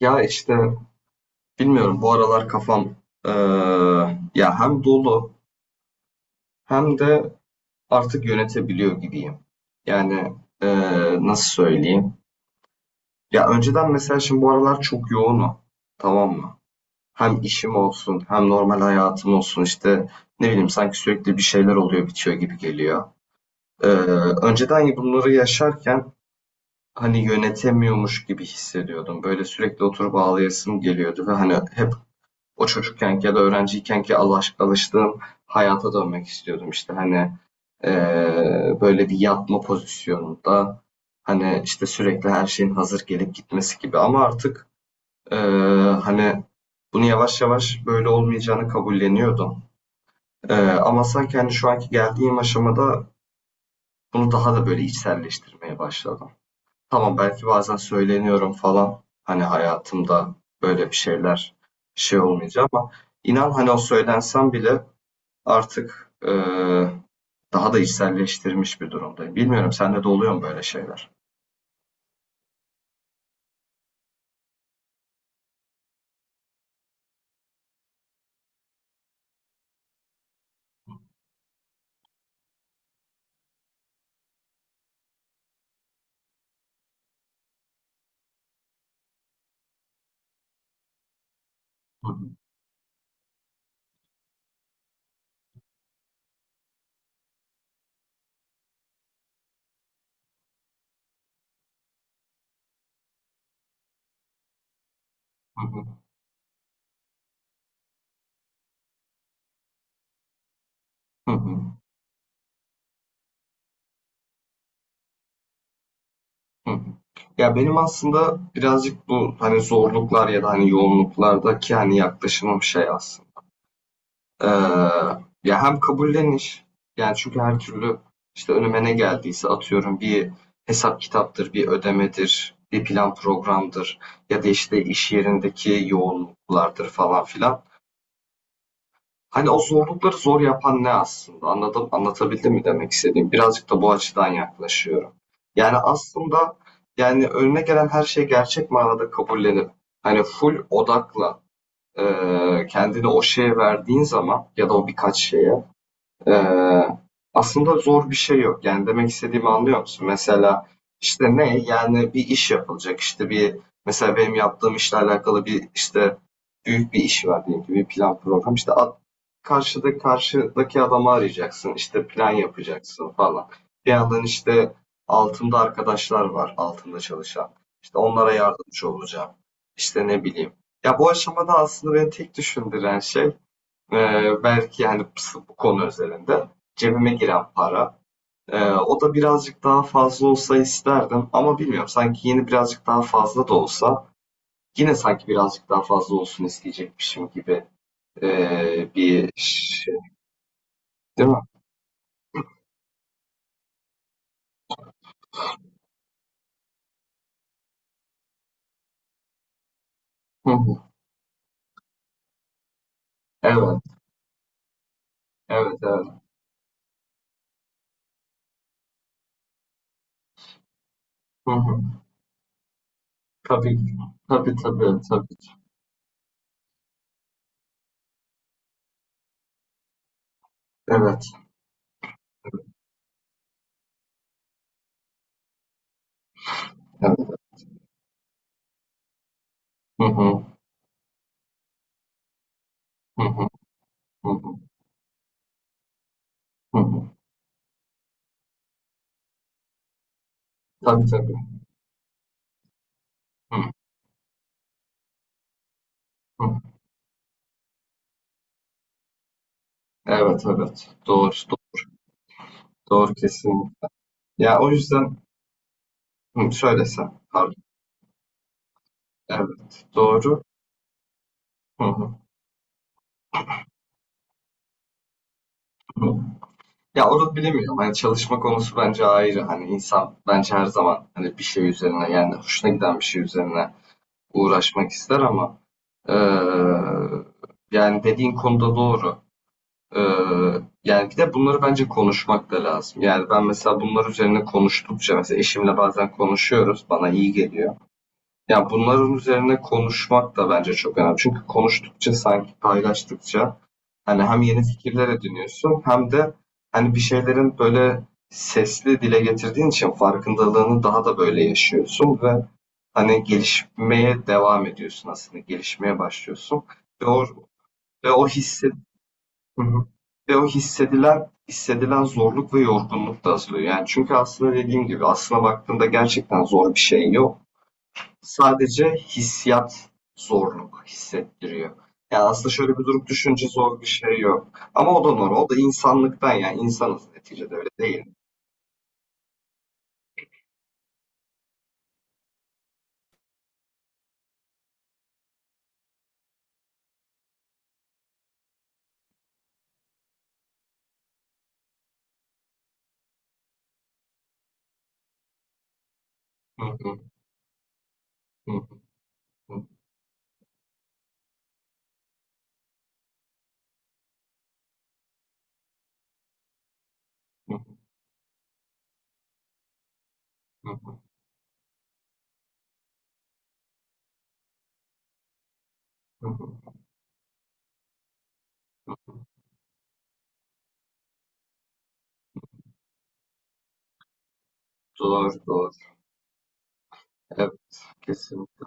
Ya işte bilmiyorum bu aralar kafam eee, ya hem dolu hem de artık yönetebiliyor gibiyim. Yani nasıl söyleyeyim? Ya önceden mesela şimdi bu aralar çok yoğunum. Tamam mı? Hem işim olsun hem normal hayatım olsun işte ne bileyim sanki sürekli bir şeyler oluyor bitiyor gibi geliyor. Eee, Önceden bunları yaşarken hani yönetemiyormuş gibi hissediyordum. Böyle sürekli oturup ağlayasım geliyordu ve hani hep o çocukkenki ya da öğrenciykenki alıştığım hayata dönmek istiyordum. İşte hani böyle bir yatma pozisyonunda hani işte sürekli her şeyin hazır gelip gitmesi gibi, ama artık eee, hani bunu yavaş yavaş böyle olmayacağını kabulleniyordum. Ama sanki hani şu anki geldiğim aşamada bunu daha da böyle içselleştirmeye başladım. Tamam, belki bazen söyleniyorum falan hani hayatımda böyle bir şeyler şey olmayacak, ama inan hani o söylensem bile artık, daha da içselleştirmiş bir durumdayım. Bilmiyorum sende de oluyor mu böyle şeyler? Hı hı, hı hı, hı hı, hı hı. Ya, benim aslında birazcık bu, hani, zorluklar ya da, hani, yoğunluklardaki, hani, yaklaşımım şey aslında, eee, ya, hem kabulleniş, yani, çünkü her türlü, işte, önüme ne geldiyse atıyorum bir hesap kitaptır, bir ödemedir, bir plan programdır ya da, işte, iş yerindeki yoğunluklardır falan filan. Hani o zorlukları zor yapan ne aslında? Anladım, anlatabildim mi demek istediğim? Birazcık da bu açıdan yaklaşıyorum. Yani aslında yani önüne gelen her şey gerçek manada kabullenip hani full odakla kendini o şeye verdiğin zaman ya da o birkaç şeye eee, aslında zor bir şey yok. Yani demek istediğimi anlıyor musun? Mesela işte ne? Yani bir iş yapılacak, işte bir mesela benim yaptığım işle alakalı bir işte büyük bir iş var diyelim ki bir plan program işte. Karşıdaki adamı arayacaksın, işte plan yapacaksın falan. Bir yandan işte altımda arkadaşlar var, altımda çalışan. İşte onlara yardımcı olacağım. İşte ne bileyim. Ya bu aşamada aslında beni tek düşündüren şey e, belki yani bu konu özelinde cebime giren para. O da birazcık daha fazla olsa isterdim, ama bilmiyorum sanki yeni birazcık daha fazla da olsa yine sanki birazcık daha fazla olsun isteyecekmişim gibi bir şey, değil mi? Hı hı, evet, evet, evet. Hı hı. Tabii, tabii, tabii, tabii. Evet, evet. Hı hı, hı hı, hı hı, hı hı. Tabii, tabii. Hı hı. Evet, evet. Doğru, doğru, doğru kesin. Ya o yüzden, hı, şöyle sen, pardon. Evet, doğru. Hı hı, hı. Ya onu bilemiyorum. Hani çalışma konusu bence ayrı. Hani insan bence her zaman hani bir şey üzerine yani hoşuna giden bir şey üzerine uğraşmak ister, ama eee, yani dediğin konuda doğru. Ee, Yani bir de bunları bence konuşmak da lazım. Yani ben mesela bunlar üzerine konuştukça mesela eşimle bazen konuşuyoruz. Bana iyi geliyor. Yani bunların üzerine konuşmak da bence çok önemli. Çünkü konuştukça sanki paylaştıkça hani hem yeni fikirler ediniyorsun hem de hani bir şeylerin böyle sesli dile getirdiğin için farkındalığını daha da böyle yaşıyorsun ve hani gelişmeye devam ediyorsun aslında. Gelişmeye başlıyorsun. Ve o, ve o hissi Hı hı. Ve o hissedilen zorluk ve yorgunluk da azalıyor. Yani çünkü aslında dediğim gibi aslına baktığında gerçekten zor bir şey yok. Sadece hissiyat zorluk hissettiriyor. Yani aslında şöyle bir durup düşünce zor bir şey yok. Ama o da normal. O da insanlıktan, yani insanız neticede, öyle değil mi? Hı hı, hı hı, hı hı, hı hı. Doğru doğru. Evet kesinlikle.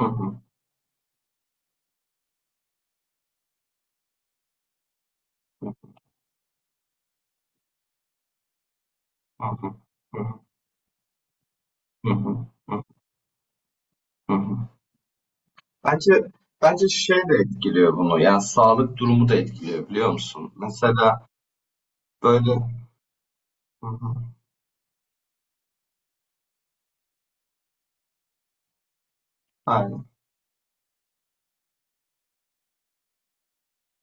Hı hı, hı hı, hı hı, hı hı, hı hı. Bence bence şey de etkiliyor bunu. Yani sağlık durumu da etkiliyor biliyor musun? Mesela böyle. Hı hı, aynen,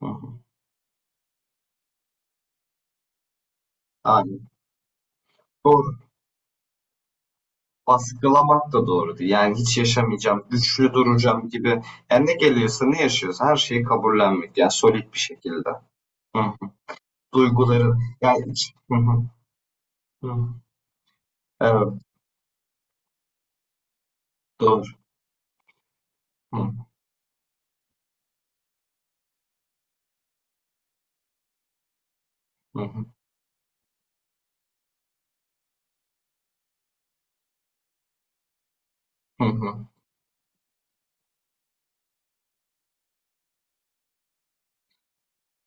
hı hı, aynen. Doğru. Baskılamak da doğru değil. Yani hiç yaşamayacağım, güçlü duracağım gibi. Yani ne geliyorsa ne yaşıyorsa her şeyi kabullenmek. Yani solit bir şekilde. Hı hı. Duyguları yani hı hı, hı hı. Evet, doğru. Hı hı, hı hı,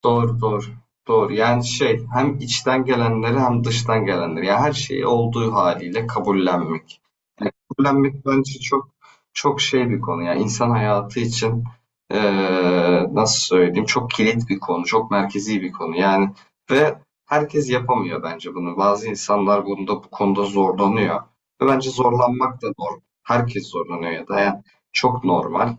doğru, doğru. Doğru. Yani şey hem içten gelenleri hem dıştan gelenleri. Yani her şeyi olduğu haliyle kabullenmek. Yani kabullenmek bence çok çok şey bir konu. Yani insan hayatı için nasıl söyleyeyim, çok kilit bir konu. Çok merkezi bir konu. Yani ve herkes yapamıyor bence bunu. Bazı insanlar bunda bu konuda zorlanıyor. Ve bence zorlanmak da normal. Herkes zorlanıyor ya da yani çok normal.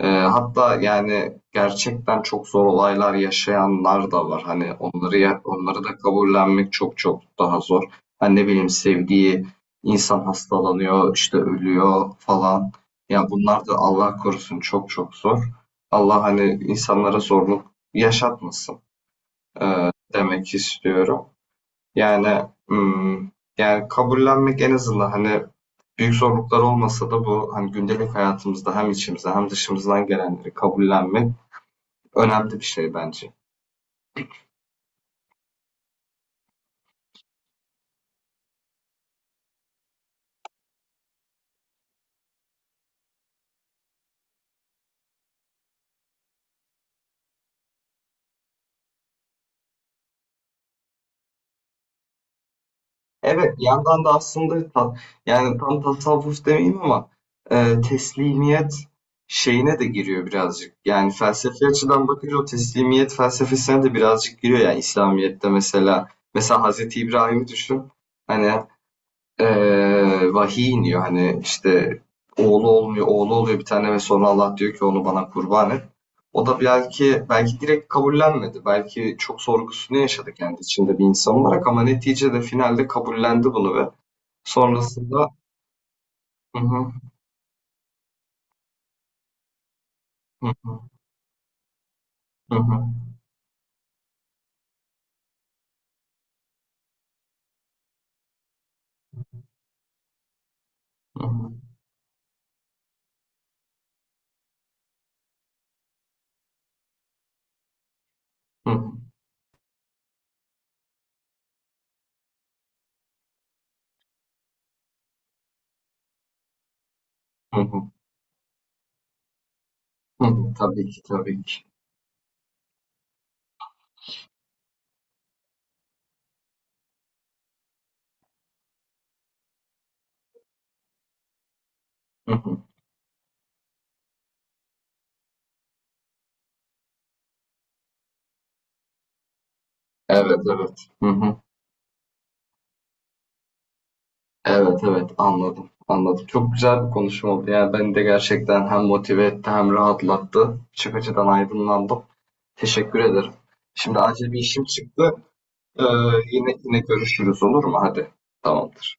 Hatta yani gerçekten çok zor olaylar yaşayanlar da var. Hani onları onları da kabullenmek çok çok daha zor. Hani ne bileyim, sevdiği insan hastalanıyor, işte ölüyor falan. Ya bunlar da Allah korusun çok çok zor. Allah hani insanlara zorluk yaşatmasın, demek istiyorum. Yani hmm, yani kabullenmek en azından hani büyük zorluklar olmasa da bu hani gündelik hayatımızda hem içimize hem dışımızdan gelenleri kabullenmek önemli bir şey bence. Evet, bir yandan da aslında yani tam tasavvuf demeyeyim, ama teslimiyet şeyine de giriyor birazcık. Yani felsefi açıdan bakınca o teslimiyet felsefesine de birazcık giriyor. Yani İslamiyet'te mesela Hazreti İbrahim'i düşün. Hani vahiy iniyor hani işte oğlu olmuyor, oğlu oluyor bir tane ve sonra Allah diyor ki onu bana kurban et. O da belki direkt kabullenmedi. Belki çok sorgusunu yaşadı kendi içinde bir insan olarak, ama neticede finalde kabullendi bunu ve sonrasında hı hı, hı hı, hı hı, hı hı, hı hı, hı hı. Tabii ki, tabii ki. Hı hı. Evet, evet. Hı hı. Evet, evet, anladım, anladım. Çok güzel bir konuşma oldu. Yani beni de gerçekten hem motive etti hem rahatlattı. Birçok açıdan aydınlandım. Teşekkür ederim. Şimdi acil bir işim çıktı. Ee, yine görüşürüz, olur mu? Hadi tamamdır.